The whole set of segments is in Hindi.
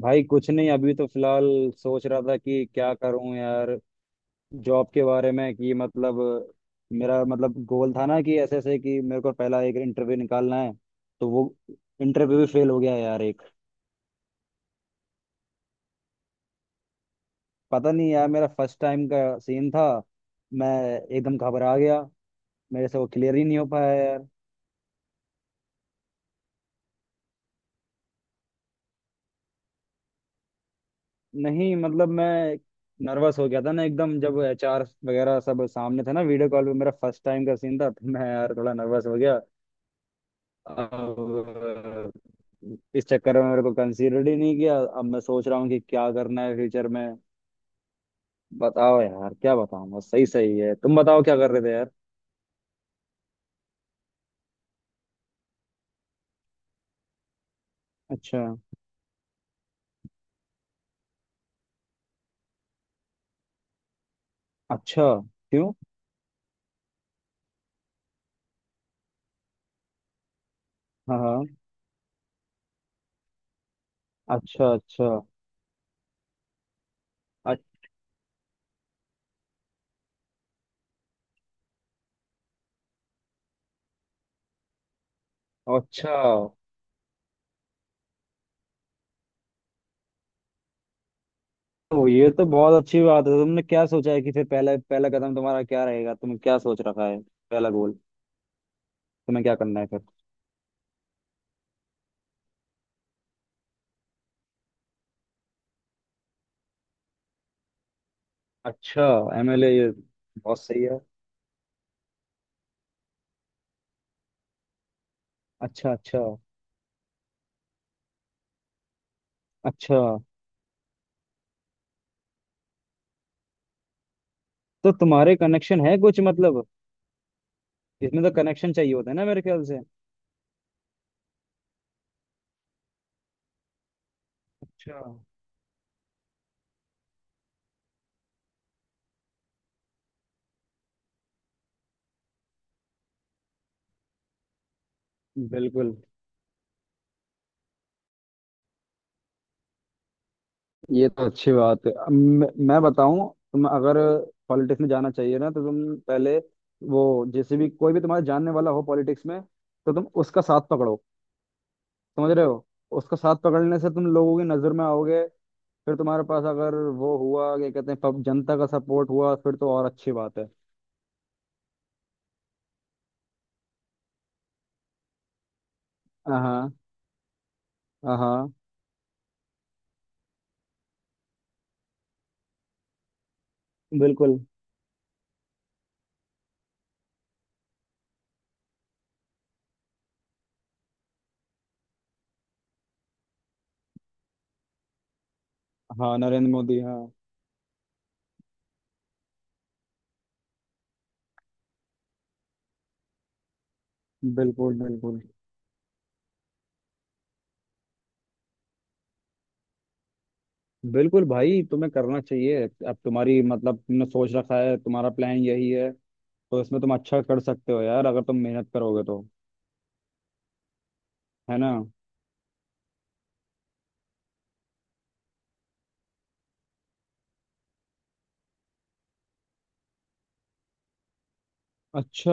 भाई कुछ नहीं, अभी तो फिलहाल सोच रहा था कि क्या करूं यार, जॉब के बारे में कि मतलब मेरा मतलब गोल था ना कि ऐसे ऐसे कि मेरे को पहला एक इंटरव्यू निकालना है। तो वो इंटरव्यू भी फेल हो गया यार एक। पता नहीं यार, मेरा फर्स्ट टाइम का सीन था। मैं एकदम घबरा गया। मेरे से वो क्लियर ही नहीं हो पाया यार। नहीं मतलब मैं नर्वस हो गया था ना, एकदम जब एचआर वगैरह सब सामने थे ना, वीडियो कॉल पे मेरा फर्स्ट टाइम का सीन था, तो मैं यार थोड़ा नर्वस हो गया। अब इस चक्कर में मेरे को कंसीडर ही नहीं किया। अब मैं सोच रहा हूँ कि क्या करना है फ्यूचर में। बताओ यार, क्या बताऊँ, बस सही सही है। तुम बताओ क्या कर रहे थे यार। अच्छा, अच्छा। क्यों? हाँ हाँ। अच्छा अच्छा। अ- अच्छा। तो ये तो बहुत अच्छी बात है। तुमने क्या सोचा है कि फिर पहला पहला कदम तुम्हारा क्या रहेगा? तुमने क्या सोच रखा है? पहला गोल? तुम्हें क्या करना है फिर? अच्छा। एमएलए, ये बहुत सही है। अच्छा अच्छा। अच्छा। तो तुम्हारे कनेक्शन है कुछ, मतलब इसमें तो कनेक्शन चाहिए होता है ना मेरे ख्याल से। अच्छा। बिल्कुल। ये तो अच्छी बात है। अब मैं बताऊं, तुम अगर पॉलिटिक्स में जाना चाहिए ना, तो तुम पहले वो, जैसे भी कोई भी तुम्हारे जानने वाला हो पॉलिटिक्स में, तो तुम उसका साथ पकड़ो। समझ रहे हो? उसका साथ पकड़ने से तुम लोगों की नजर में आओगे। फिर तुम्हारे पास अगर वो हुआ, क्या कहते हैं, जनता का सपोर्ट हुआ, फिर तो और अच्छी बात है। हाँ। हाँ हाँ। बिल्कुल। हाँ, नरेंद्र मोदी, हाँ। बिल्कुल बिल्कुल। बिल्कुल भाई, तुम्हें करना चाहिए। अब तुम्हारी मतलब तुमने सोच रखा है, तुम्हारा प्लान यही है, तो इसमें तुम अच्छा कर सकते हो यार, अगर तुम मेहनत करोगे तो। है ना। अच्छा।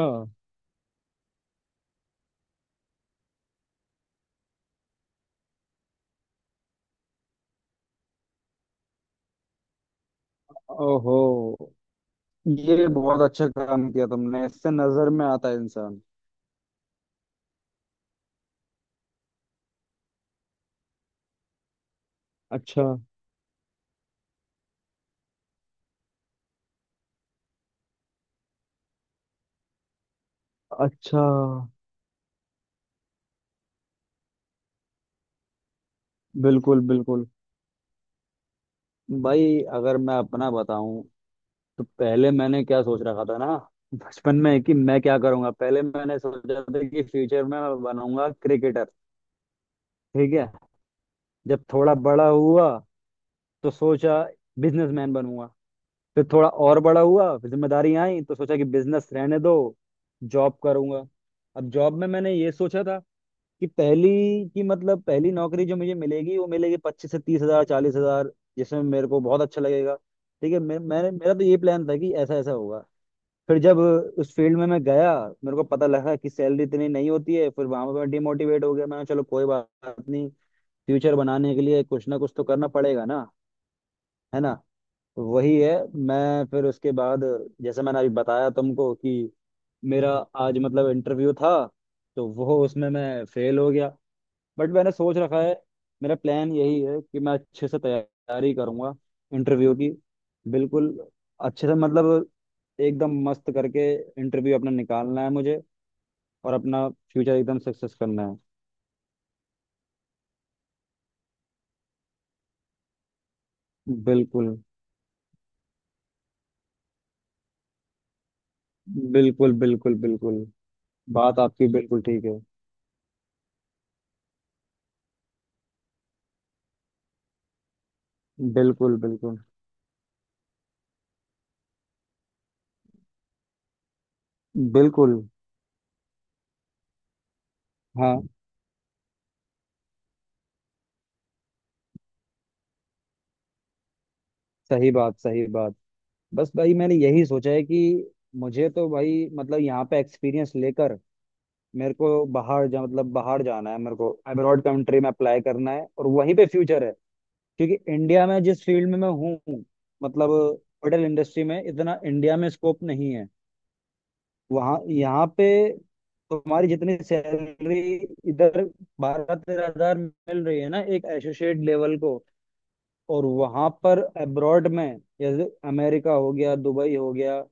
ओहो, ये बहुत अच्छा काम किया तुमने, इससे नजर में आता है इंसान। अच्छा अच्छा। बिल्कुल बिल्कुल। भाई, अगर मैं अपना बताऊं, तो पहले मैंने क्या सोच रखा था ना, बचपन में कि मैं क्या करूंगा। पहले मैंने सोचा था कि फ्यूचर में मैं बनूंगा क्रिकेटर। ठीक है। जब थोड़ा बड़ा हुआ, तो सोचा बिजनेसमैन बनूंगा। फिर थोड़ा और बड़ा हुआ, फिर जिम्मेदारियां आई, तो सोचा कि बिजनेस रहने दो, जॉब करूंगा। अब जॉब में मैंने ये सोचा था कि पहली की मतलब पहली नौकरी जो मुझे मिलेगी, वो मिलेगी 25 से 30,000, 40,000 जिसमें मेरे को बहुत अच्छा लगेगा। ठीक है। मैंने मेरा तो ये प्लान था कि ऐसा ऐसा होगा। फिर जब उस फील्ड में मैं गया, मेरे को पता लगा कि सैलरी इतनी नहीं होती है। फिर वहां पर मैं डिमोटिवेट हो गया। मैंने कहा, चलो कोई बात नहीं, फ्यूचर बनाने के लिए कुछ ना कुछ तो करना पड़ेगा ना। है ना। तो वही है। मैं फिर उसके बाद, जैसे मैंने अभी बताया तुमको कि मेरा आज मतलब इंटरव्यू था, तो वो उसमें मैं फेल हो गया। बट मैंने सोच रखा है, मेरा प्लान यही है कि मैं अच्छे से तैयारी करूंगा इंटरव्यू की। बिल्कुल। अच्छे से मतलब एकदम मस्त करके इंटरव्यू अपना निकालना है मुझे, और अपना फ्यूचर एकदम सक्सेस करना है। बिल्कुल बिल्कुल बिल्कुल। बिल्कुल बात आपकी बिल्कुल ठीक है। बिल्कुल बिल्कुल बिल्कुल। हाँ, सही बात, सही बात। बस भाई, मैंने यही सोचा है कि मुझे तो भाई मतलब यहाँ पे एक्सपीरियंस लेकर मेरे को बाहर जा मतलब बाहर जाना है। मेरे को अब्रॉड कंट्री में अप्लाई करना है और वहीं पे फ्यूचर है, क्योंकि इंडिया में जिस फील्ड में मैं हूँ, मतलब होटल इंडस्ट्री में इतना इंडिया में स्कोप नहीं है। वहाँ, यहाँ पे तुम्हारी जितनी सैलरी, इधर 12-13 हज़ार मिल रही है ना एक एसोसिएट लेवल को, और वहां पर अब्रॉड में जैसे अमेरिका हो गया, दुबई हो गया,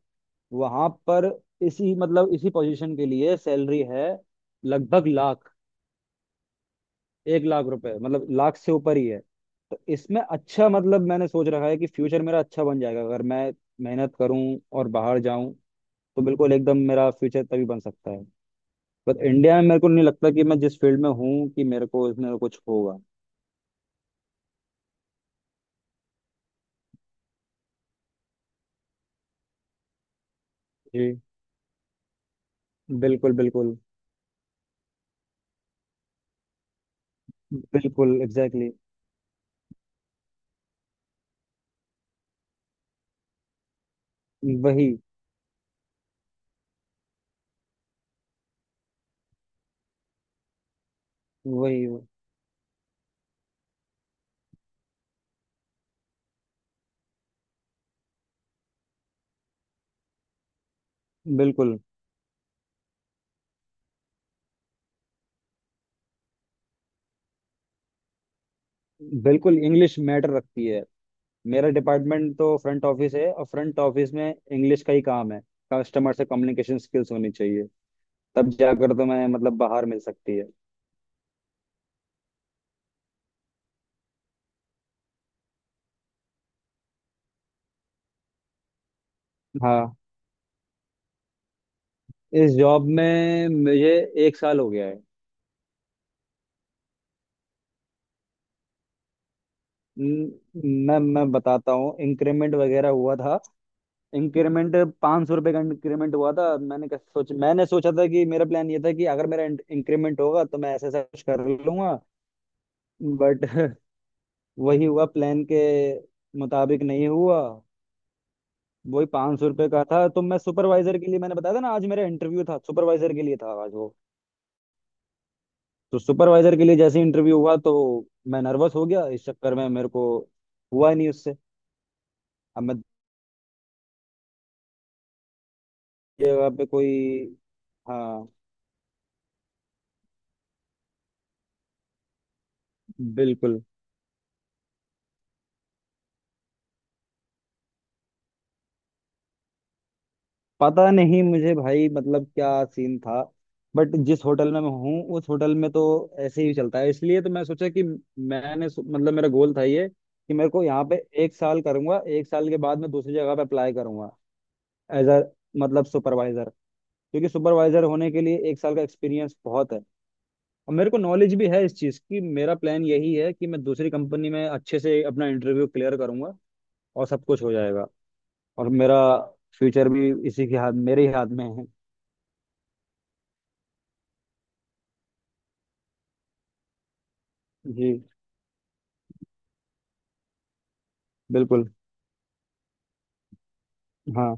वहां पर इसी मतलब इसी पोजीशन के लिए सैलरी है लगभग लाख, 1 लाख रुपए, मतलब लाख से ऊपर ही है। तो इसमें अच्छा, मतलब मैंने सोच रखा है कि फ्यूचर मेरा अच्छा बन जाएगा अगर मैं मेहनत करूं और बाहर जाऊं, तो बिल्कुल एकदम मेरा फ्यूचर तभी बन सकता है। पर इंडिया में मेरे को नहीं लगता कि मैं जिस फील्ड में हूँ, कि मेरे को इसमें कुछ होगा। जी, बिल्कुल बिल्कुल। बिल्कुल एग्जैक्टली। exactly. वही। वही वही। बिल्कुल, बिल्कुल इंग्लिश मैटर रखती है। मेरा डिपार्टमेंट तो फ्रंट ऑफिस है, और फ्रंट ऑफिस में इंग्लिश का ही काम है। कस्टमर से कम्युनिकेशन स्किल्स होनी चाहिए, तब जाकर तो मैं मतलब बाहर मिल सकती है। हाँ। इस जॉब में मुझे 1 साल हो गया है। न- मैं बताता हूँ, इंक्रीमेंट वगैरह हुआ था। इंक्रीमेंट 500 रुपये का इंक्रीमेंट हुआ था। सोच मैंने सोचा था कि मेरा प्लान ये था कि अगर मेरा इंक्रीमेंट होगा, तो मैं ऐसा ऐसा कुछ कर लूंगा। बट वही हुआ, प्लान के मुताबिक नहीं हुआ। वही 500 रुपये का था। तो मैं सुपरवाइजर के लिए, मैंने बताया था ना, आज मेरा इंटरव्यू था सुपरवाइजर के लिए था आज वो। तो सुपरवाइजर के लिए जैसे इंटरव्यू हुआ, तो मैं नर्वस हो गया, इस चक्कर में मेरे को हुआ ही नहीं उससे। अब मैं जगह पे कोई, हाँ, बिल्कुल। पता नहीं मुझे भाई, मतलब क्या सीन था। बट जिस होटल में मैं हूँ, उस होटल में तो ऐसे ही चलता है, इसलिए तो मैं सोचा कि मैंने सो- मतलब मेरा गोल था ये कि मेरे को यहाँ पे 1 साल करूंगा, 1 साल के बाद मैं दूसरी जगह पे अप्लाई करूंगा, एज अ मतलब सुपरवाइजर, क्योंकि सुपरवाइजर होने के लिए 1 साल का एक्सपीरियंस बहुत है, और मेरे को नॉलेज भी है इस चीज़ की। मेरा प्लान यही है कि मैं दूसरी कंपनी में अच्छे से अपना इंटरव्यू क्लियर करूंगा, और सब कुछ हो जाएगा, और मेरा फ्यूचर भी इसी के हाथ, मेरे ही हाथ में है। जी, बिल्कुल। हाँ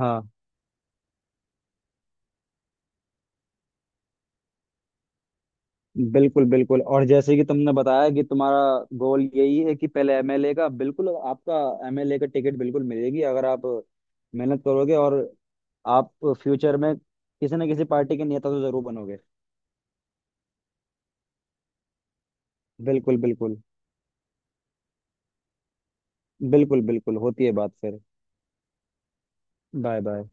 हाँ। बिल्कुल बिल्कुल। और जैसे कि तुमने बताया कि तुम्हारा गोल यही है कि पहले एमएलए का, बिल्कुल आपका एमएलए का टिकट बिल्कुल मिलेगी, अगर आप मेहनत करोगे, और आप फ्यूचर में किसी न किसी पार्टी के नेता तो जरूर बनोगे। बिल्कुल बिल्कुल। बिल्कुल बिल्कुल होती है बात फिर। Bye bye.